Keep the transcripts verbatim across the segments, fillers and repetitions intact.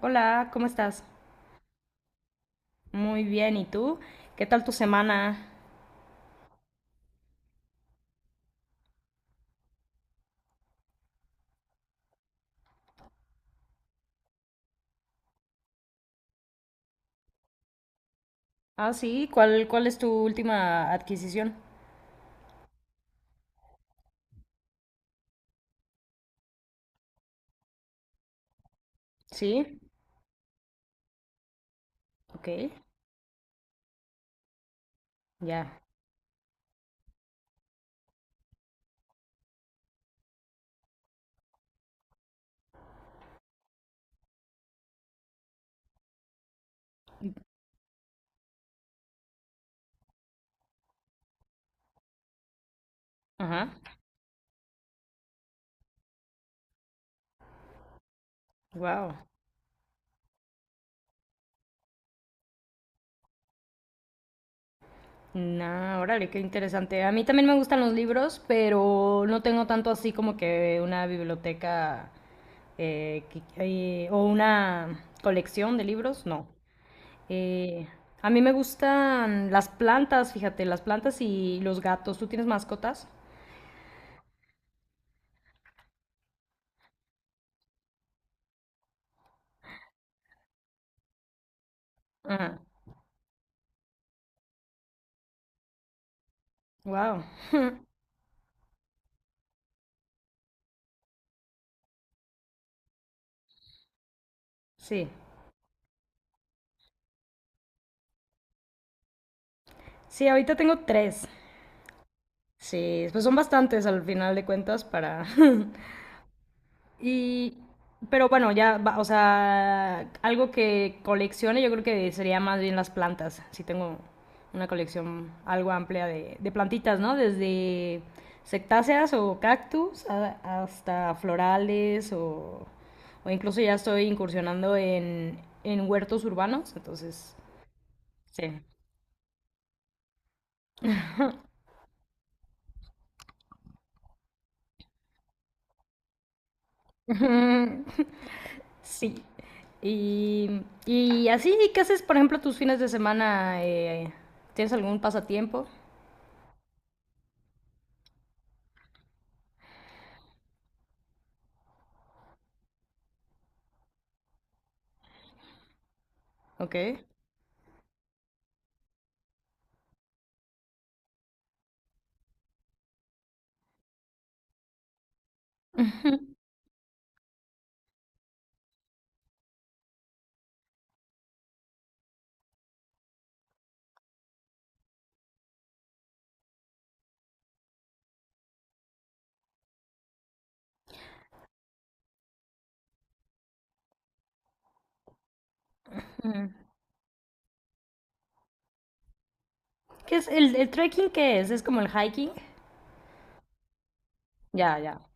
Hola, ¿cómo estás? Muy bien, ¿y tú? ¿Qué tal tu semana? Ah, sí, ¿cuál, cuál es tu última adquisición? Sí, ok, ya. Ajá, wow. Nah, órale, qué interesante. A mí también me gustan los libros, pero no tengo tanto así como que una biblioteca eh, que- eh, o una colección de libros, no. Eh, a mí me gustan las plantas, fíjate, las plantas y los gatos. ¿Tú tienes mascotas? Ajá. Wow. Sí, sí, ahorita tengo tres. Sí, pues son bastantes al final de cuentas para... Y... Pero bueno, ya, va- o sea, algo que coleccione yo creo que sería más bien las plantas. Sí tengo una colección algo amplia de, de plantitas, ¿no? Desde sectáceas o cactus a- hasta florales o, o incluso ya estoy incursionando en, en huertos urbanos, entonces, sí. Sí. Y, y así, ¿qué haces, por ejemplo, tus fines de semana? Eh, ¿tienes algún pasatiempo? Ok. Ujú. ¿Qué es el, el trekking? ¿Qué es? ¿Es como el hiking? Ya, ya.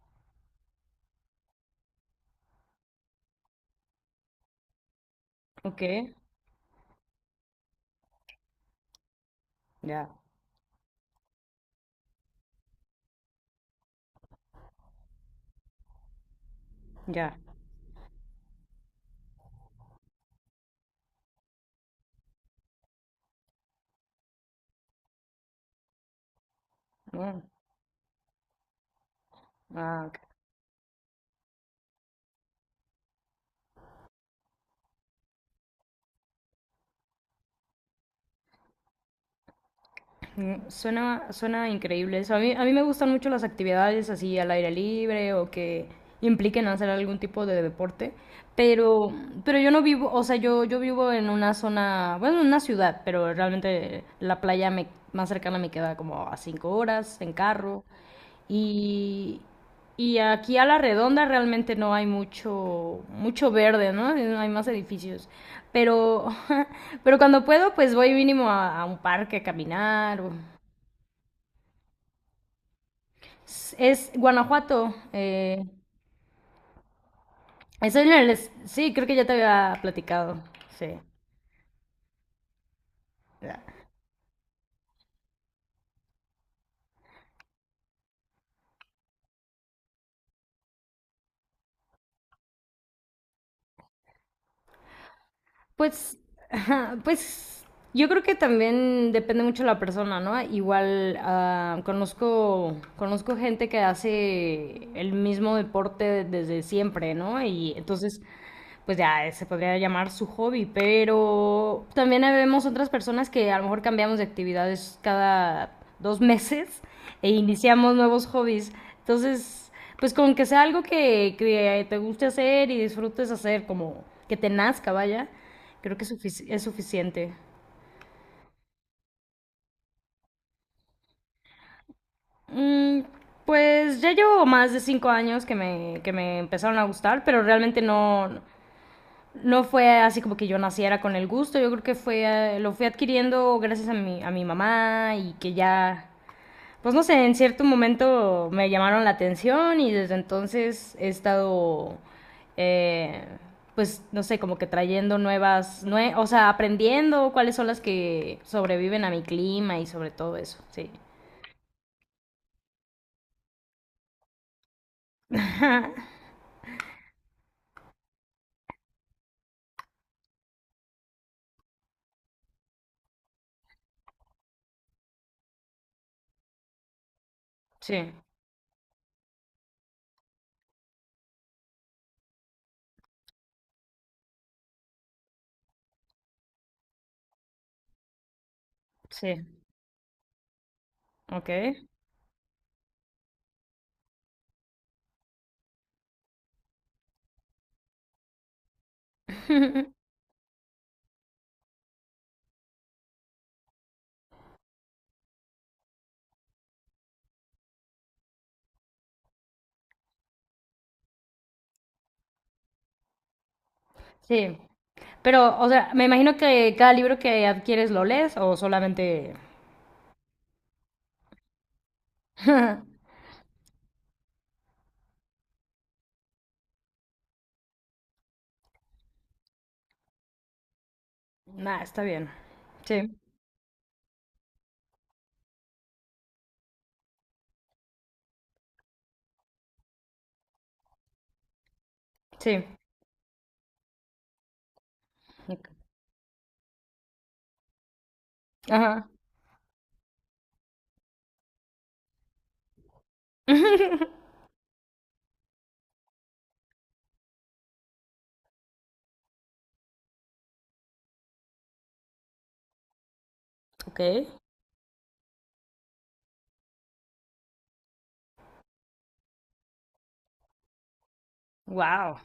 Ok. Ya, ya. Mm. Ah, ok. Mm, Suena, suena increíble eso. A mí, a mí me gustan mucho las actividades así al aire libre o que impliquen hacer algún tipo de deporte, pero, pero yo no vivo, o sea, yo, yo vivo en una zona, bueno, en una ciudad, pero realmente la playa me- más cercana me queda como a cinco horas en carro. Y, y aquí a la redonda realmente no hay mucho, mucho verde, ¿no? No hay más edificios. Pero, pero cuando puedo, pues voy mínimo a, a un parque a caminar. o- Es, Guanajuato. Eh, es en el, es- sí, creo que ya te había platicado. Sí. Pues, ajá, pues yo creo que también depende mucho de la persona, ¿no? Igual ah, conozco, conozco gente que hace el mismo deporte desde siempre, ¿no? Y entonces, pues ya eh, se podría llamar su hobby, pero también vemos otras personas que a lo mejor cambiamos de actividades cada dos meses e iniciamos nuevos hobbies. Entonces, pues con que sea algo que, que te guste hacer y disfrutes hacer, como que te nazca, vaya, creo que es, sufici- es suficiente. Mm, pues ya llevo más de cinco años que me, que me empezaron a gustar, pero realmente no, no fue así como que yo naciera con el gusto. Yo creo que fue, eh, lo fui adquiriendo gracias a mi, a mi mamá y que ya, pues no sé, en cierto momento me llamaron la atención y desde entonces he estado, eh, pues no sé, como que trayendo nuevas, nue- o sea, aprendiendo cuáles son las que sobreviven a mi clima y sobre todo eso, sí. Sí, sí, ok. Sí, pero, o sea, me imagino que cada libro que adquieres lo lees o solamente... Nah, está bien. Sí, sí. Ok. Ajá, ok. Wow.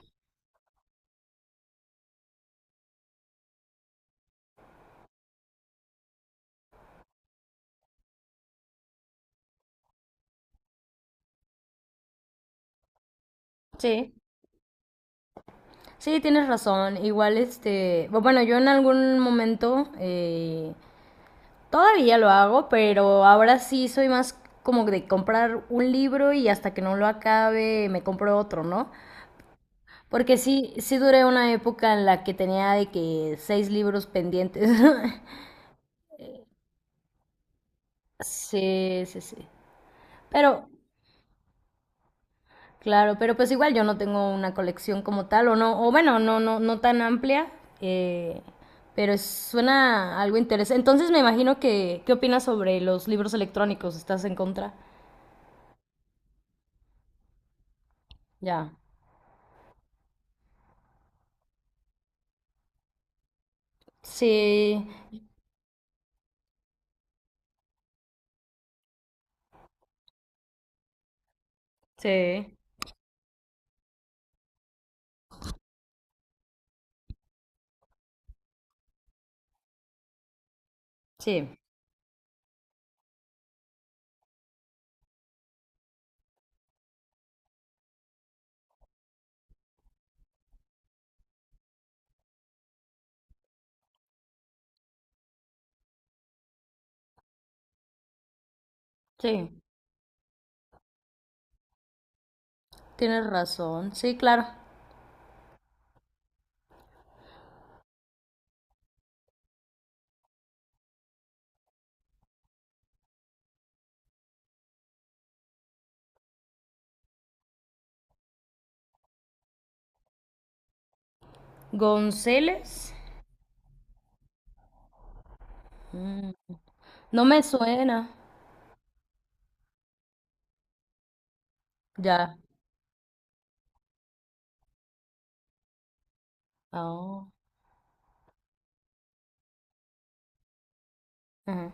Sí, sí, tienes razón. Igual, este, bu- bueno, yo en algún momento eh, todavía lo hago, pero ahora sí soy más como de comprar un libro y hasta que no lo acabe me compro otro, ¿no? Porque sí, sí duré una época en la que tenía de que seis libros pendientes. Sí, sí, sí. Pero, claro, pero pues igual yo no tengo una colección como tal, o no, o bueno, no, no, no tan amplia, eh, pero es- suena algo interesante. Entonces me imagino que, ¿qué opinas sobre los libros electrónicos? ¿Estás en contra? Ya. Sí, sí, sí, sí. Tienes razón. Sí, claro. González. Mm, No me suena. Ya. Oh, ajá.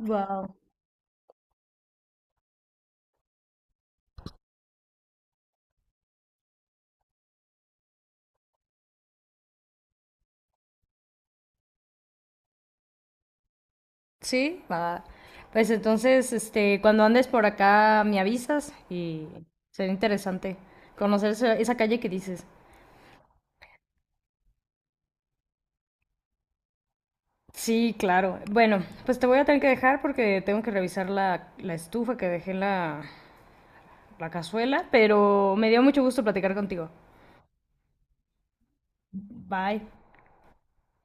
Wow. Sí, va. Pues entonces, este, cuando andes por acá me avisas y será interesante conocer esa, esa calle que dices. Sí, claro. Bueno, pues te voy a tener que dejar porque tengo que revisar la, la estufa que dejé en la, la cazuela, pero me dio mucho gusto platicar contigo. Bye.